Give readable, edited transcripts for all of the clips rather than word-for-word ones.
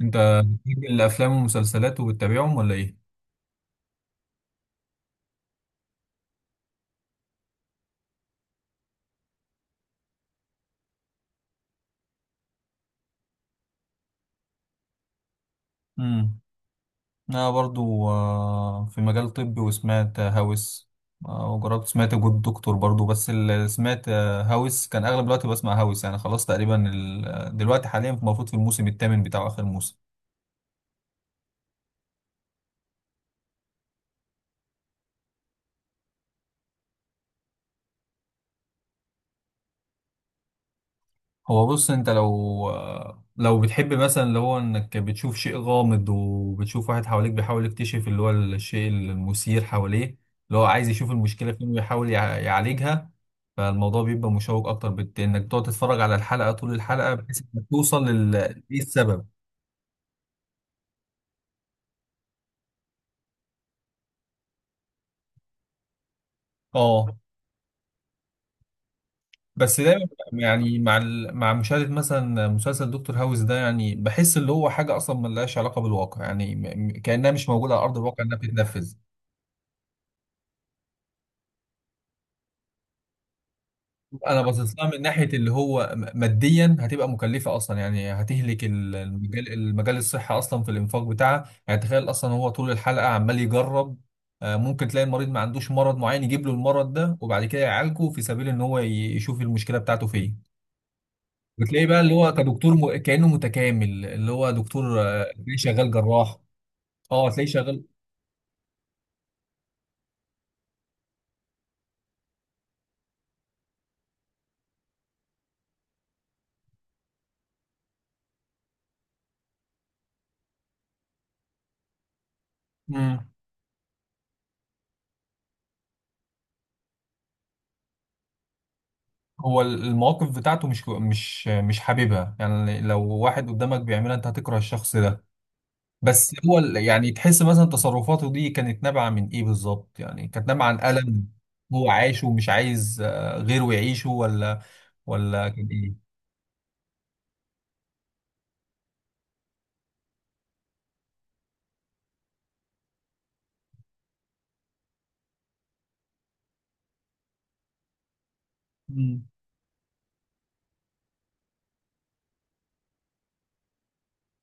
انت بتحب الافلام والمسلسلات وبتتابعهم ولا ايه؟ امم. انا برضو في مجال طبي وسمعت هاوس. وجربت سمعت جود دكتور برضو، بس اللي سمعت هاوس كان اغلب الوقت بسمع هاوس. يعني خلاص تقريبا دلوقتي حاليا المفروض في الموسم الثامن بتاعه اخر موسم. هو بص، انت لو بتحب مثلا اللي هو انك بتشوف شيء غامض، وبتشوف واحد حواليك بيحاول يكتشف اللي هو الشيء المثير حواليه. اللي هو عايز يشوف المشكلة فين ويحاول يعالجها. فالموضوع بيبقى مشوق اكتر، انك تقعد تتفرج على الحلقة طول الحلقة بحيث انك توصل لل. ايه السبب؟ اه، بس دايما. يعني مع مشاهدة مثلا مسلسل دكتور هاوس ده، يعني بحس اللي هو حاجة اصلا ملهاش علاقة بالواقع، يعني كأنها مش موجودة على ارض الواقع انها بتتنفذ. انا باصص لها من ناحيه اللي هو ماديا هتبقى مكلفه اصلا. يعني هتهلك المجال، الصحي اصلا في الانفاق بتاعها. يعني تخيل اصلا هو طول الحلقه عمال يجرب. ممكن تلاقي المريض ما عندوش مرض معين يجيب له المرض ده، وبعد كده يعالجه في سبيل ان هو يشوف المشكله بتاعته فين. بتلاقيه بقى اللي هو كدكتور، كانه متكامل، اللي هو دكتور، تلاقيه شغال جراح. اه، تلاقيه شغال. مم. هو المواقف بتاعته مش حاببها. يعني لو واحد قدامك بيعملها انت هتكره الشخص ده. بس هو يعني تحس مثلا تصرفاته دي كانت نابعة من ايه بالظبط؟ يعني كانت نابعة عن ألم. هو عايشه ومش عايز غيره يعيشه، ولا ولا كان ايه؟ مم.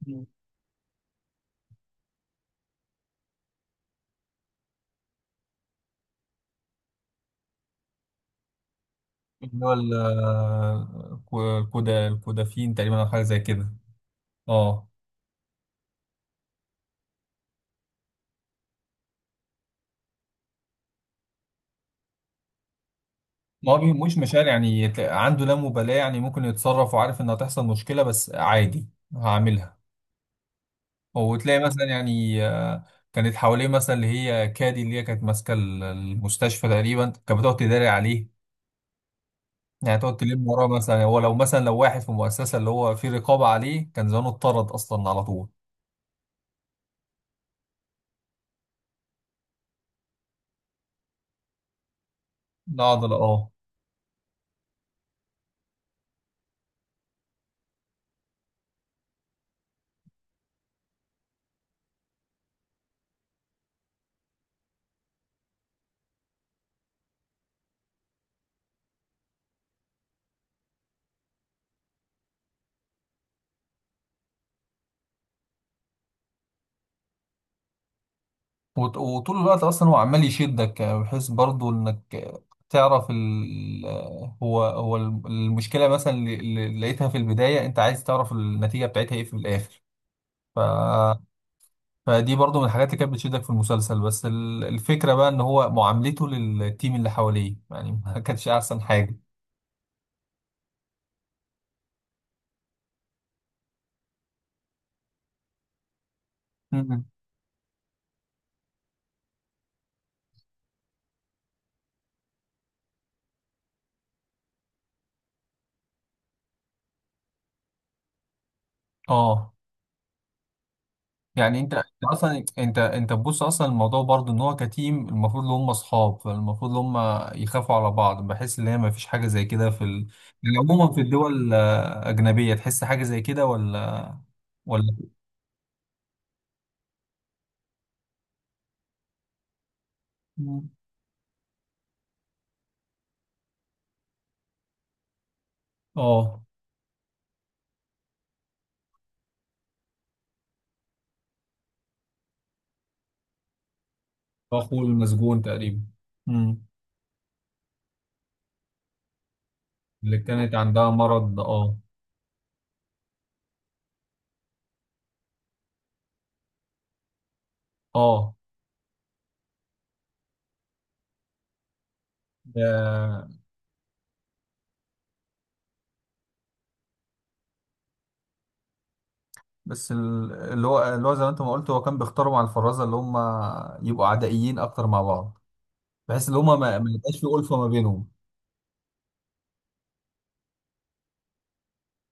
مم. اللي هو الكودا، الكودافين تقريبا، او حاجة زي كده. اه. ما هو مش مشاعر، يعني عنده لا مبالاة. يعني ممكن يتصرف وعارف ان هتحصل مشكلة بس عادي. هعملها. وتلاقي مثلا يعني، كانت حواليه مثلا اللي هي كادي، اللي هي كانت ماسكه المستشفى تقريبا، كانت بتقعد تداري عليه. يعني تقعد تلم وراه. مثلا هو لو مثلا لو واحد في مؤسسه اللي هو في رقابه عليه، كان زمانه اتطرد اصلا على طول. لا، عضله، اه. وطول الوقت اصلا هو عمال يشدك، بحيث برضو انك تعرف ال آه، هو المشكله مثلا اللي لقيتها في البدايه، انت عايز تعرف النتيجه بتاعتها ايه في الاخر. ف، فدي برضو من الحاجات اللي كانت بتشدك في المسلسل. بس الفكرة بقى ان هو معاملته للتيم اللي حواليه، يعني ما كانتش احسن حاجة. مم. اه. يعني أنت اصلا، انت تبص اصلا الموضوع برضو ان هو كتيم المفروض ان هم اصحاب، فالمفروض ان هم يخافوا على بعض. بحس ان هي ما فيش حاجة زي كده في يعني عموما في الدول اجنبية تحس حاجة زي كده، ولا ولا. مم. اه، اخوه المسجون تقريبا. مم. اللي كانت عندها مرض، اه. اه. بس اللي هو زي ما انت ما قلت هو كان بيختاروا مع الفرازه اللي هم يبقوا عدائيين اكتر مع بعض. بحيث ان هم ما يبقاش في ألفة ما بينهم.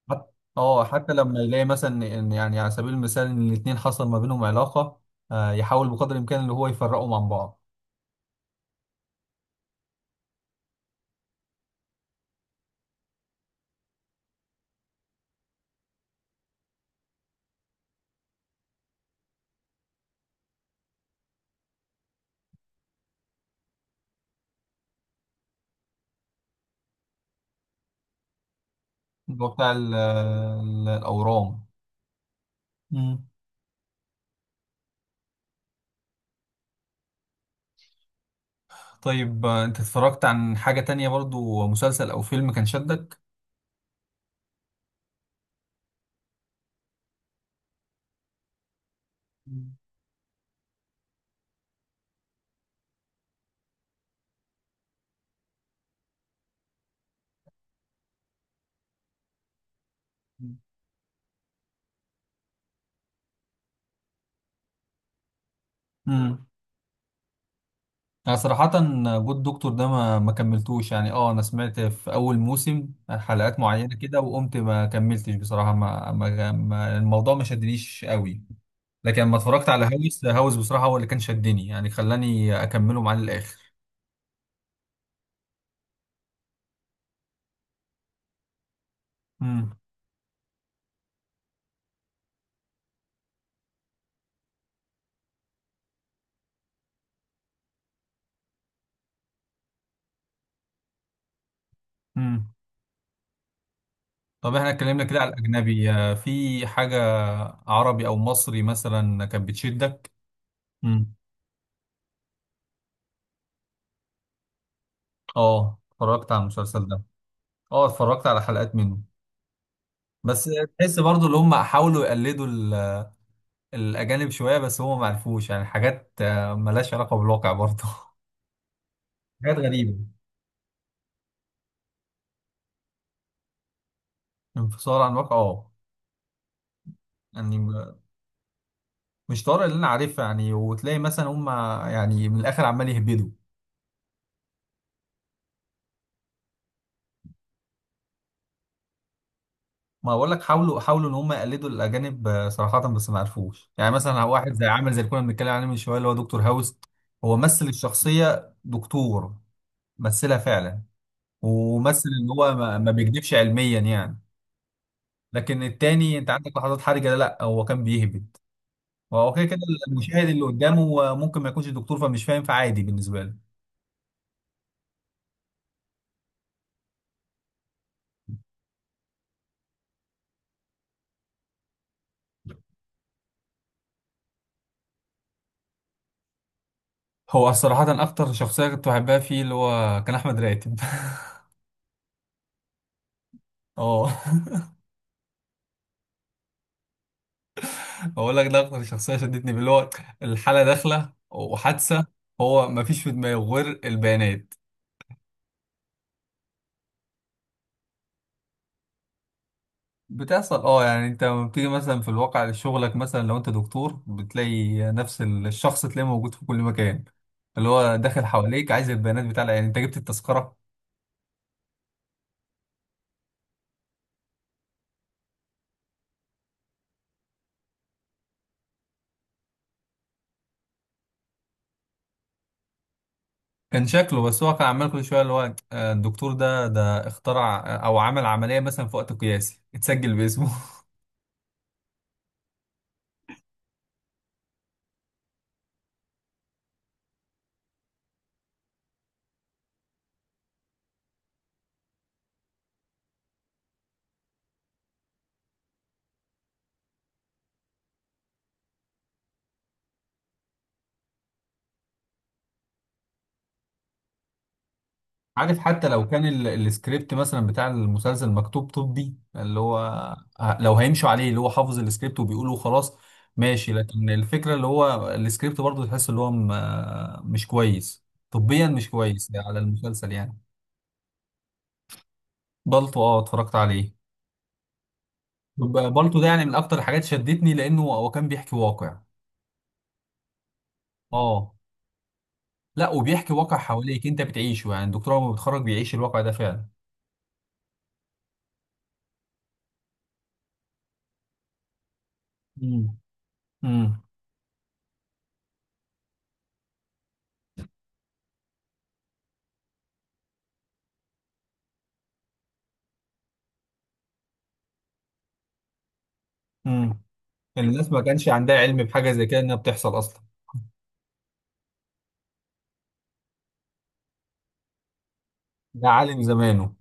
حت- اه، حتى لما يلاقي مثلا ان يعني على سبيل المثال ان الاثنين حصل ما بينهم علاقه. يحاول بقدر الامكان اللي هو يفرقهم عن بعض. اللي هو بتاع الاورام. مم. طيب، انت اتفرجت عن حاجه تانية برضو، مسلسل او فيلم كان شدك؟ مم. أنا صراحة جو الدكتور ده ما كملتوش. يعني اه، أنا سمعت في أول موسم حلقات معينة كده وقمت ما كملتش. بصراحة ما الموضوع ما شدنيش قوي. لكن لما اتفرجت على هاوس، هاوس بصراحة هو اللي كان شدني. يعني خلاني أكمله معاه للآخر. امم. امم. طب احنا اتكلمنا كده على الأجنبي، في حاجة عربي أو مصري مثلا كانت بتشدك؟ امم. اه، اتفرجت على المسلسل ده. اه، اتفرجت على حلقات منه. بس تحس برضو اللي هم حاولوا يقلدوا الأجانب شوية، بس هو معرفوش. يعني حاجات ملهاش علاقة بالواقع برضه. حاجات غريبة. انفصال عن الواقع، اه. يعني مش طارق اللي أنا عارفها. يعني وتلاقي مثلا هم، يعني من الآخر عمال يهبدوا. ما بقول لك، حاولوا حاولوا إن هم يقلدوا الأجانب، صراحة بس ما عرفوش. يعني مثلا واحد زي، عامل زي اللي كنا بنتكلم عليه من شوية اللي هو دكتور هاوس. هو مثل الشخصية دكتور، مثلها فعلا. ومثل إن هو ما بيكذبش علميا يعني. لكن التاني انت عندك لحظات حرجه، لا لا، هو كان بيهبد. هو كده كده. المشاهد اللي قدامه ممكن ما يكونش دكتور فمش فاهم، فعادي بالنسبة له. هو صراحة أكتر شخصية كنت بحبها فيه اللي هو كان أحمد راتب. اه. بقول لك ده أكتر شخصية شدتني اللي هو، الحالة داخلة وحادثة. هو مفيش في دماغه غير البيانات. بتحصل، اه. يعني انت لما بتيجي مثلا في الواقع شغلك، مثلا لو انت دكتور بتلاقي نفس الشخص تلاقيه موجود في كل مكان. اللي هو داخل حواليك عايز البيانات بتاع العيان، انت جبت التذكرة. كان شكله، بس هو كان عمال كل شويه اللي هو، الدكتور ده اخترع، او عمل عمليه مثلا في وقت قياسي اتسجل باسمه. عارف، حتى لو كان السكريبت مثلا بتاع المسلسل مكتوب طبي اللي هو، لو هيمشوا عليه اللي هو حافظ السكريبت وبيقوله خلاص. ماشي، لكن الفكره اللي هو السكريبت برضه تحس اللي هو مش كويس. طبيا مش كويس على المسلسل يعني. بالطو، اه اتفرجت عليه. بالطو ده يعني من اكتر الحاجات شدتني، لانه هو كان بيحكي واقع. اه. لا، وبيحكي واقع حواليك انت بتعيشه. يعني الدكتور هو بيتخرج بيعيش الواقع ده فعلا. مم. امم. امم. الناس ما كانش عندها علم بحاجه زي كده انها بتحصل اصلا. ده عالم زمانه.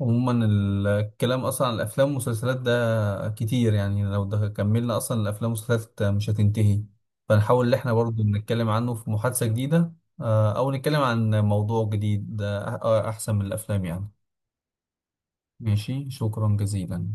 عموما الكلام اصلا عن الافلام والمسلسلات ده كتير. يعني لو ده كملنا اصلا الافلام والمسلسلات مش هتنتهي. فنحاول ان احنا برضو نتكلم عنه في محادثه جديده. او نتكلم عن موضوع جديد، احسن من الافلام يعني. ماشي، شكرا جزيلا.